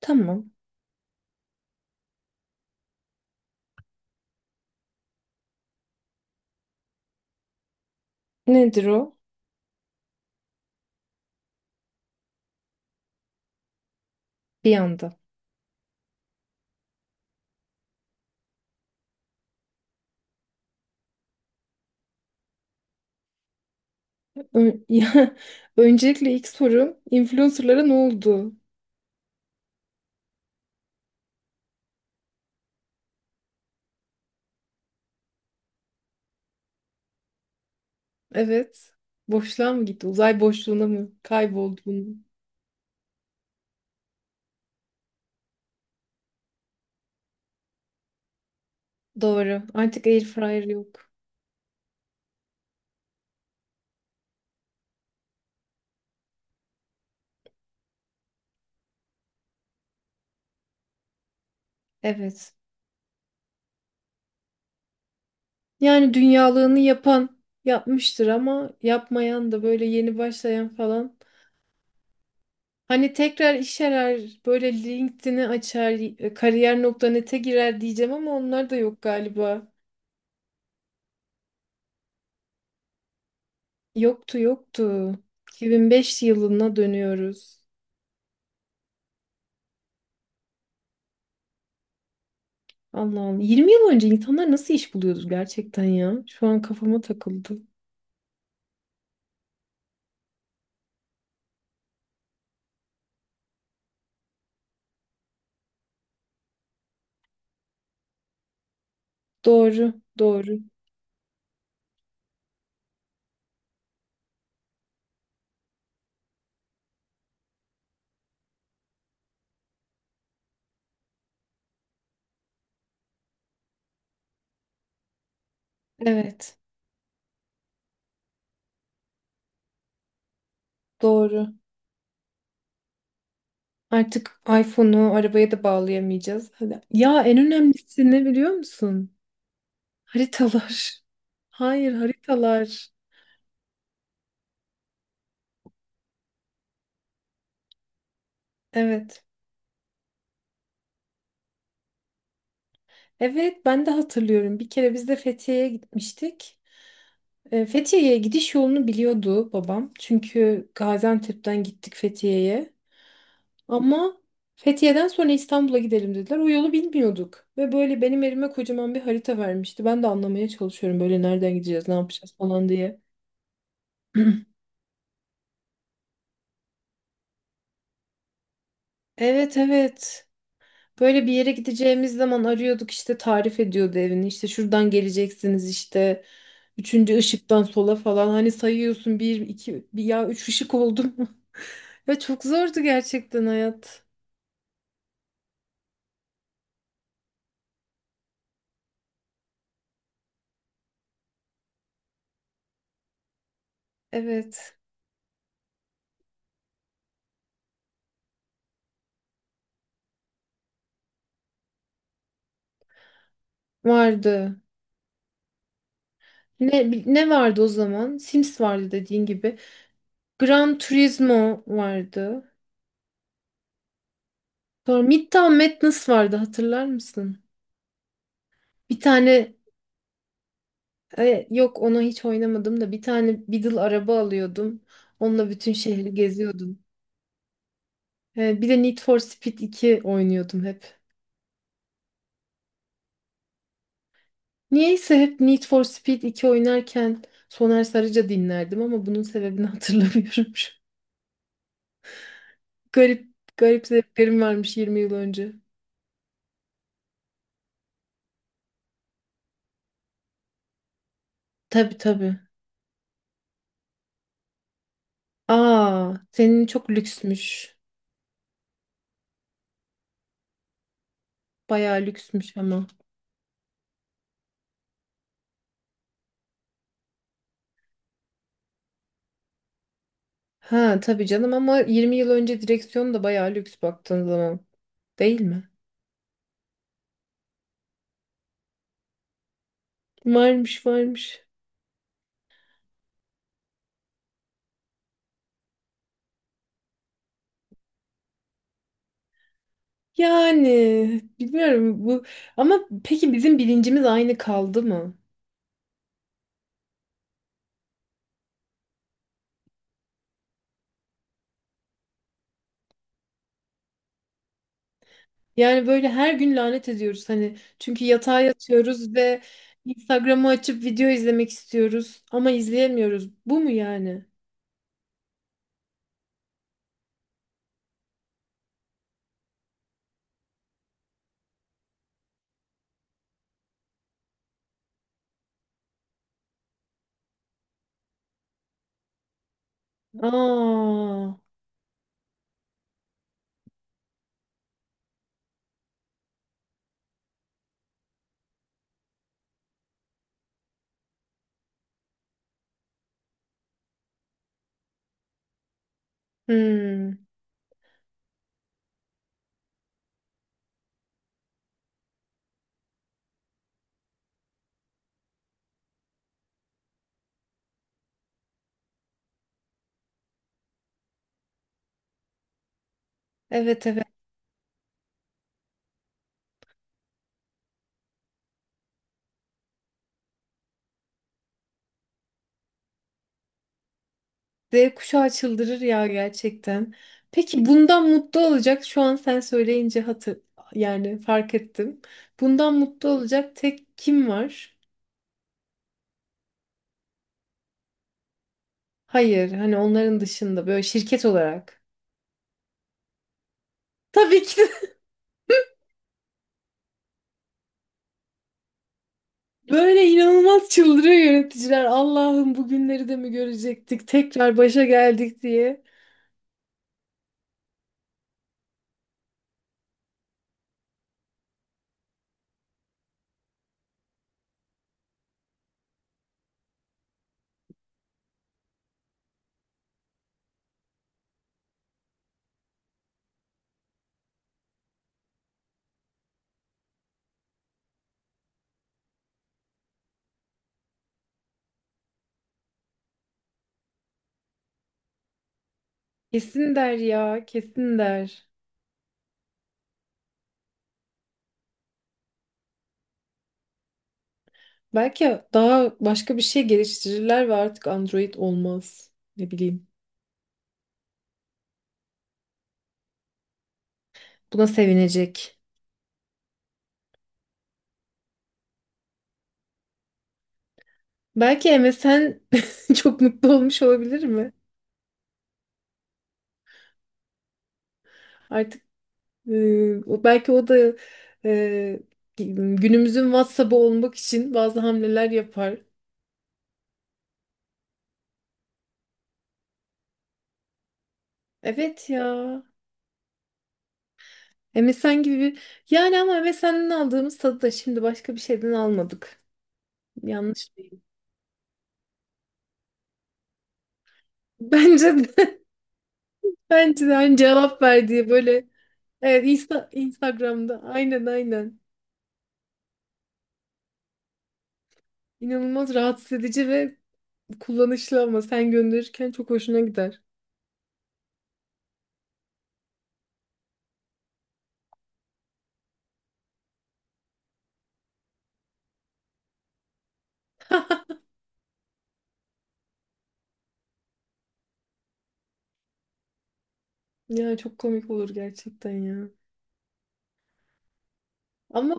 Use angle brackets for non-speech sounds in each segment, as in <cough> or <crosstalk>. Tamam. Nedir o? Bir anda. <laughs> Ya, öncelikle ilk sorum influencerlara ne oldu? Evet. Boşluğa mı gitti? Uzay boşluğuna mı? Kayboldu mu? Doğru. Artık air fryer yok. Evet. Yani dünyalığını yapan yapmıştır ama yapmayan da böyle yeni başlayan falan. Hani tekrar iş arar, böyle LinkedIn'i açar, kariyer.net'e girer diyeceğim ama onlar da yok galiba. Yoktu yoktu. 2005 yılına dönüyoruz. Allah Allah. 20 yıl önce insanlar nasıl iş buluyordu gerçekten ya? Şu an kafama takıldı. Doğru, doğru. Evet, doğru. Artık iPhone'u arabaya da bağlayamayacağız. Hadi. Ya en önemlisi ne biliyor musun? Haritalar. <laughs> Hayır, haritalar. Evet. Evet, ben de hatırlıyorum. Bir kere biz de Fethiye'ye gitmiştik. Fethiye'ye gidiş yolunu biliyordu babam. Çünkü Gaziantep'ten gittik Fethiye'ye. Ama Fethiye'den sonra İstanbul'a gidelim dediler. O yolu bilmiyorduk. Ve böyle benim elime kocaman bir harita vermişti. Ben de anlamaya çalışıyorum böyle nereden gideceğiz, ne yapacağız falan diye. <clears throat> Evet evet. Böyle bir yere gideceğimiz zaman arıyorduk işte tarif ediyordu evini. İşte şuradan geleceksiniz işte. Üçüncü ışıktan sola falan hani sayıyorsun bir iki bir ya üç ışık oldu mu? <laughs> Ve çok zordu gerçekten hayat. Evet, vardı. Ne vardı o zaman? Sims vardı dediğin gibi. Gran Turismo vardı. Sonra Midtown Madness vardı hatırlar mısın? Bir tane yok onu hiç oynamadım da bir tane Beetle araba alıyordum. Onunla bütün şehri geziyordum. Bir de Need for Speed 2 oynuyordum hep. Niyeyse hep Need for Speed 2 oynarken Soner Sarıca dinlerdim ama bunun sebebini <laughs> hatırlamıyorum. Şu an. Garip garip zevklerim varmış 20 yıl önce. Tabii tabii. Aa, senin çok lüksmüş. Bayağı lüksmüş ama. Ha tabii canım ama 20 yıl önce direksiyon da bayağı lüks baktığın zaman. Değil mi? Varmış varmış. Yani bilmiyorum bu ama peki bizim bilincimiz aynı kaldı mı? Yani böyle her gün lanet ediyoruz hani çünkü yatağa yatıyoruz ve Instagram'ı açıp video izlemek istiyoruz ama izleyemiyoruz. Bu mu yani? Aa. Hmm. Evet evet. Z kuşağı çıldırır ya gerçekten. Peki bundan mutlu olacak şu an sen söyleyince yani fark ettim. Bundan mutlu olacak tek kim var? Hayır hani onların dışında böyle şirket olarak. Tabii ki de <laughs> böyle inanılmaz çıldırıyor yöneticiler. Allah'ım bugünleri de mi görecektik? Tekrar başa geldik diye. Kesin der ya, kesin der. Belki daha başka bir şey geliştirirler ve artık Android olmaz. Ne bileyim. Buna sevinecek. Belki MSN <laughs> çok mutlu olmuş olabilir mi? Artık belki o da e, günümüzün WhatsApp'ı olmak için bazı hamleler yapar. Evet ya. MSN gibi bir... Yani ama MSN'den aldığımız tadı da şimdi başka bir şeyden almadık. Yanlış değil. Bence de, <laughs> bence de hani cevap verdiği böyle evet Instagram'da aynen aynen. İnanılmaz rahatsız edici ve kullanışlı ama sen gönderirken çok hoşuna gider. Ya çok komik olur gerçekten ya. Ama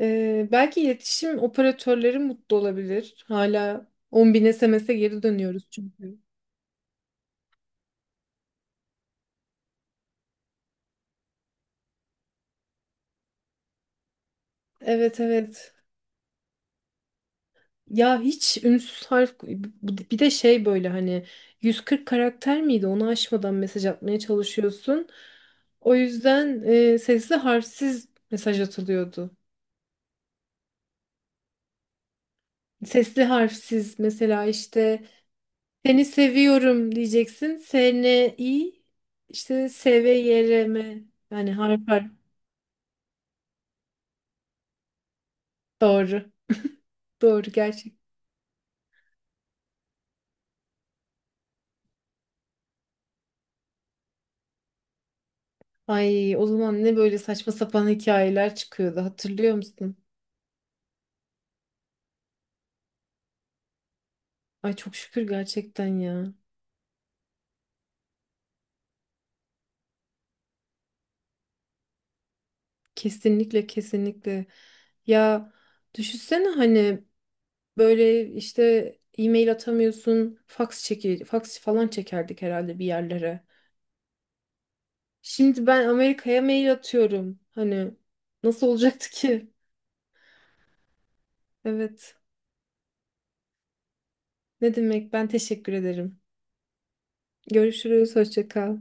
belki iletişim operatörleri mutlu olabilir. Hala 10 bin SMS'e geri dönüyoruz çünkü. Evet evet. Ya hiç ünsüz harf bir de şey böyle hani 140 karakter miydi? Onu aşmadan mesaj atmaya çalışıyorsun. O yüzden sesli harfsiz mesaj atılıyordu. Sesli harfsiz mesela işte Seni seviyorum diyeceksin. Seni iyi. İşte seve yereme. Yani harf harf. Doğru. Doğru gerçek. Ay o zaman ne böyle saçma sapan hikayeler çıkıyordu hatırlıyor musun? Ay çok şükür gerçekten ya. Kesinlikle kesinlikle. Ya düşünsene hani böyle işte e-mail atamıyorsun. Fax falan çekerdik herhalde bir yerlere. Şimdi ben Amerika'ya mail atıyorum. Hani nasıl olacaktı ki? Evet. Ne demek? Ben teşekkür ederim. Görüşürüz. Hoşça kal.